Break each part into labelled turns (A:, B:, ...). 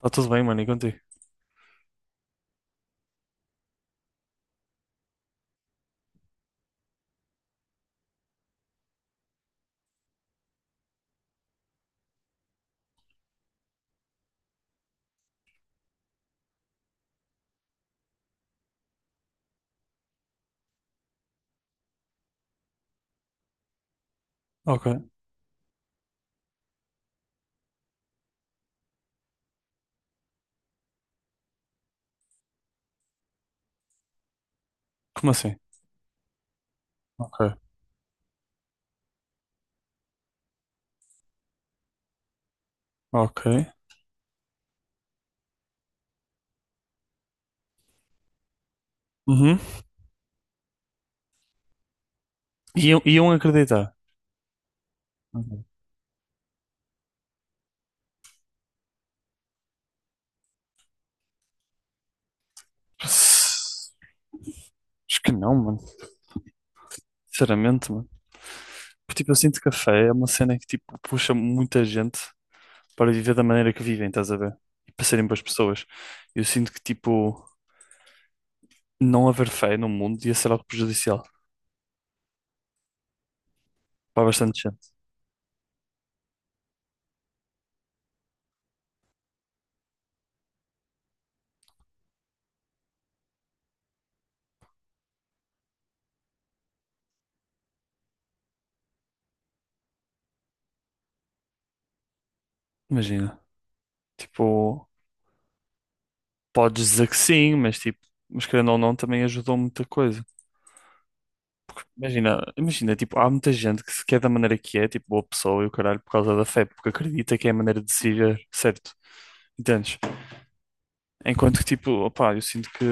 A: Tá tudo bem, mano, e contigo? Ok. Como assim? Ok. Ok. Uhum. Iam acreditar. Uhum. Acho que não, mano. Sinceramente, mano. Porque, tipo, eu sinto que a fé é uma cena que, tipo, puxa muita gente para viver da maneira que vivem, estás a ver? E para serem boas pessoas. Eu sinto que, tipo, não haver fé no mundo ia ser algo prejudicial para bastante gente. Imagina. Tipo, podes dizer que sim, mas, tipo, mas querendo ou não, também ajudou muita coisa. Imagina, tipo, há muita gente que se quer da maneira que é, tipo, boa pessoa e o caralho por causa da fé, porque acredita que é a maneira de ser certo, entendes? Enquanto que, tipo, opá, eu sinto que,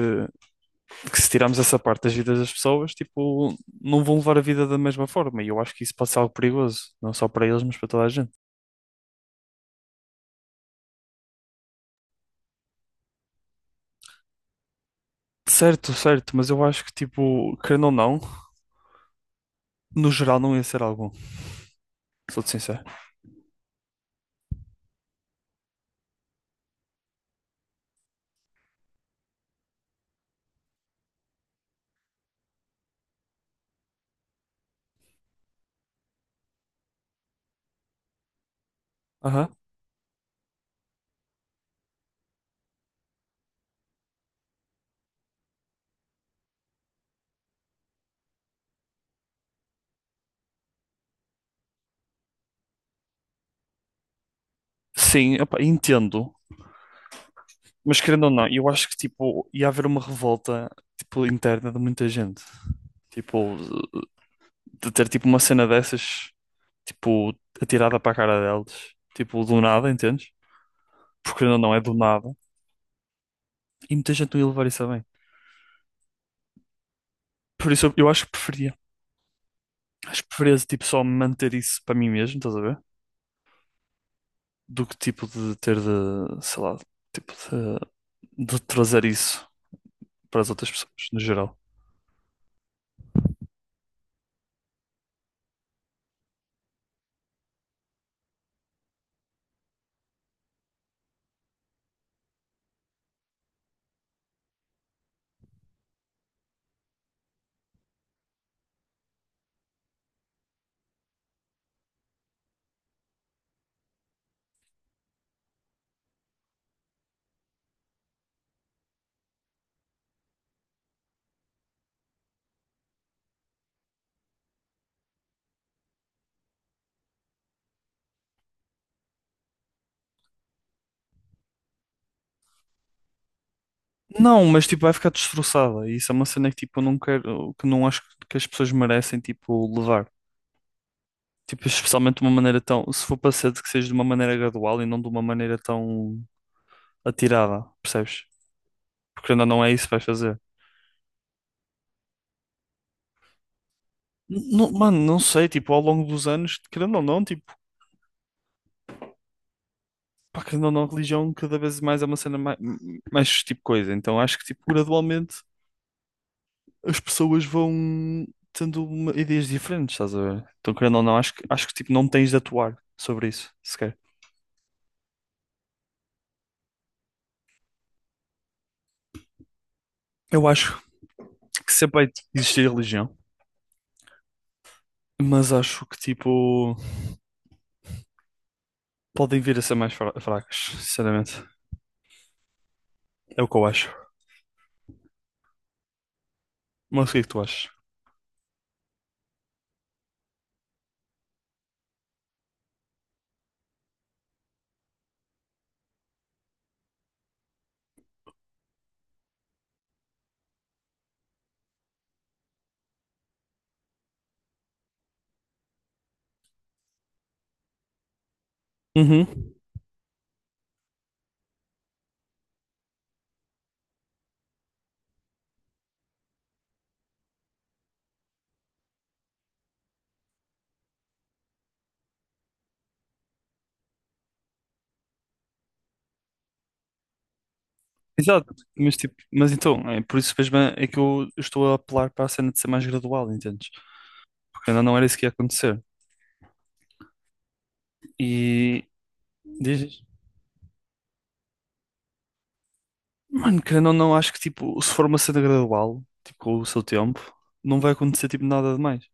A: se tirarmos essa parte das vidas das pessoas, tipo, não vão levar a vida da mesma forma, e eu acho que isso pode ser algo perigoso, não só para eles, mas para toda a gente. Certo, certo, mas eu acho que, tipo, querendo ou não, no geral não ia ser algo bom. Sou-te sincero. Aham. Sim, opa, entendo. Mas querendo ou não, eu acho que tipo, ia haver uma revolta tipo, interna de muita gente. Tipo, de ter tipo uma cena dessas, tipo, atirada para a cara deles. Tipo, do nada, entendes? Porque querendo ou não, é do nada. E muita gente não ia levar isso a bem. Por isso eu acho que preferia. Acho que preferia tipo só manter isso para mim mesmo, estás a ver? Do que tipo de ter de, sei lá, tipo de trazer isso para as outras pessoas no geral. Não, mas tipo vai ficar destroçada. E isso é uma cena que tipo eu não quero, que não acho que as pessoas merecem tipo levar. Tipo, especialmente de uma maneira tão, se for para ser de que seja de uma maneira gradual e não de uma maneira tão atirada, percebes? Porque ainda não é isso que vais fazer. Mano, não sei, tipo, ao longo dos anos, querendo ou não, tipo, pá, que não, não, religião cada vez mais é uma cena mais, mais tipo coisa. Então acho que tipo, gradualmente as pessoas vão tendo uma- ideias diferentes, estás a ver? Então, querendo ou não, acho que tipo, não tens de atuar sobre isso, sequer. Eu acho que sempre vai existir religião, mas acho que tipo, podem vir a ser mais fracas, sinceramente. É o que eu acho. Mas o que é que tu achas? Uhum. Exato, mas tipo, mas então, é por isso mesmo é que eu estou a apelar para a cena de ser mais gradual, entendes? Porque ainda não era isso que ia acontecer. E diz. Mano, querendo ou não, acho que tipo, se for uma cena gradual, tipo, com o seu tempo, não vai acontecer tipo nada demais.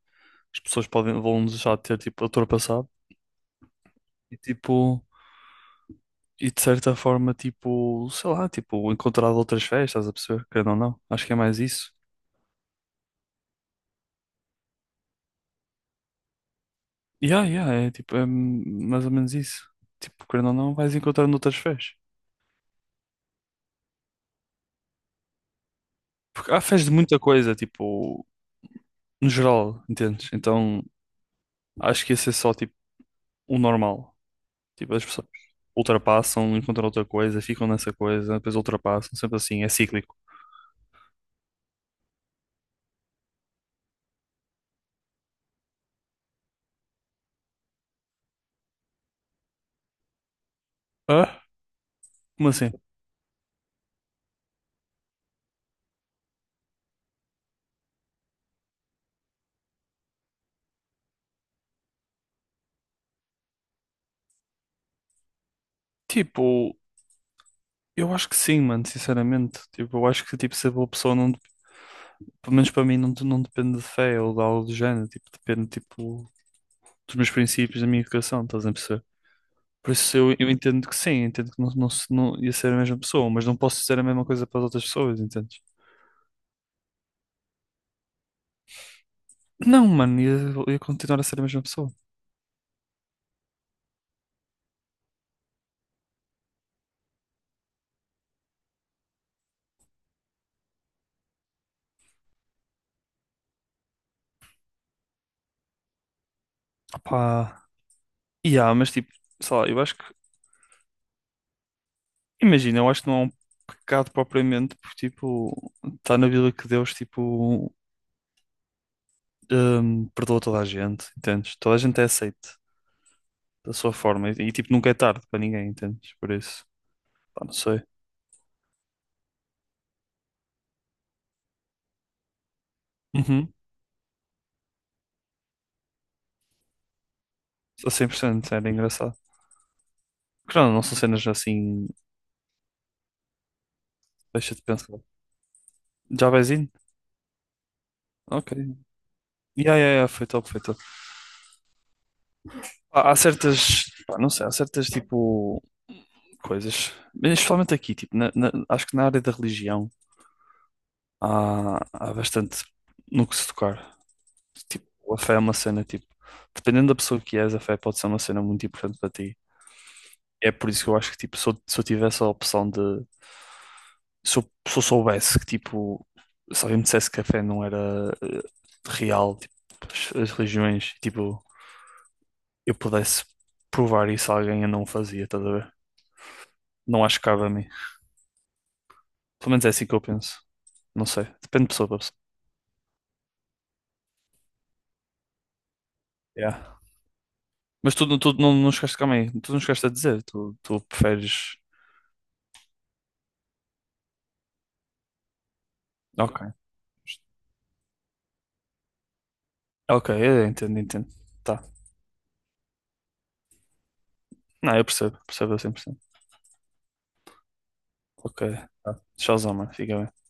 A: As pessoas vão deixar de ter tipo ultrapassado e tipo, e de certa forma, tipo, sei lá, tipo, encontrar outras fés, estás a perceber? Querendo ou não, acho que é mais isso. Yeah, yeah, é tipo, é mais ou menos isso. Tipo, querendo ou não, vais encontrando outras fés. Porque há fés de muita coisa, tipo, no geral, entendes? Então, acho que esse é só tipo o normal. Tipo, as pessoas ultrapassam, encontram outra coisa, ficam nessa coisa, depois ultrapassam, sempre assim, é cíclico. Ah? Como assim? Tipo, eu acho que sim, mano, sinceramente. Tipo, eu acho que tipo, se a boa pessoa não, pelo menos para mim, não depende de fé ou de algo do género, tipo, depende tipo, dos meus princípios, da minha educação, estás a perceber? Por isso eu entendo que sim, entendo que não, se- não ia ser a mesma pessoa, mas não posso dizer a mesma coisa para as outras pessoas, entendes? Não, mano, ia continuar a ser a mesma pessoa. Pá. E há, mas tipo, sei lá, eu acho que, imagina, eu acho que não é um pecado propriamente, porque tipo, está na Bíblia que Deus, tipo, perdoa toda a gente, entendes? Toda a gente é aceite da sua forma, tipo, nunca é tarde para ninguém, entendes? Por isso, pá, não sei. Uhum, sou 100% era engraçado. Claro, não são cenas assim, deixa de pensar. Já vais indo? Ok. Yeah, foi top. Há certas, pá, não sei, há certas tipo coisas, mas especialmente aqui, tipo, acho que na área da religião há bastante no que se tocar. Tipo, a fé é uma cena, tipo, dependendo da pessoa que és, a fé pode ser uma cena muito importante para ti. É por isso que eu acho que, tipo, se eu tivesse a opção de, se eu soubesse que, tipo, se alguém me dissesse que a fé não era real, tipo, as religiões, tipo, eu pudesse provar isso a alguém, eu não o fazia, estás a ver? Não acho que cabe a mim. Pelo menos é assim que eu penso. Não sei. Depende de pessoa para pessoa. Yeah. Mas tu não, não chegaste, calma aí, tu não chegaste a dizer, tu preferes. Ok. Ok, entendo. Tá. Não, percebo a 100%. Ok. Tá. Tchauzão, mano. Fica bem.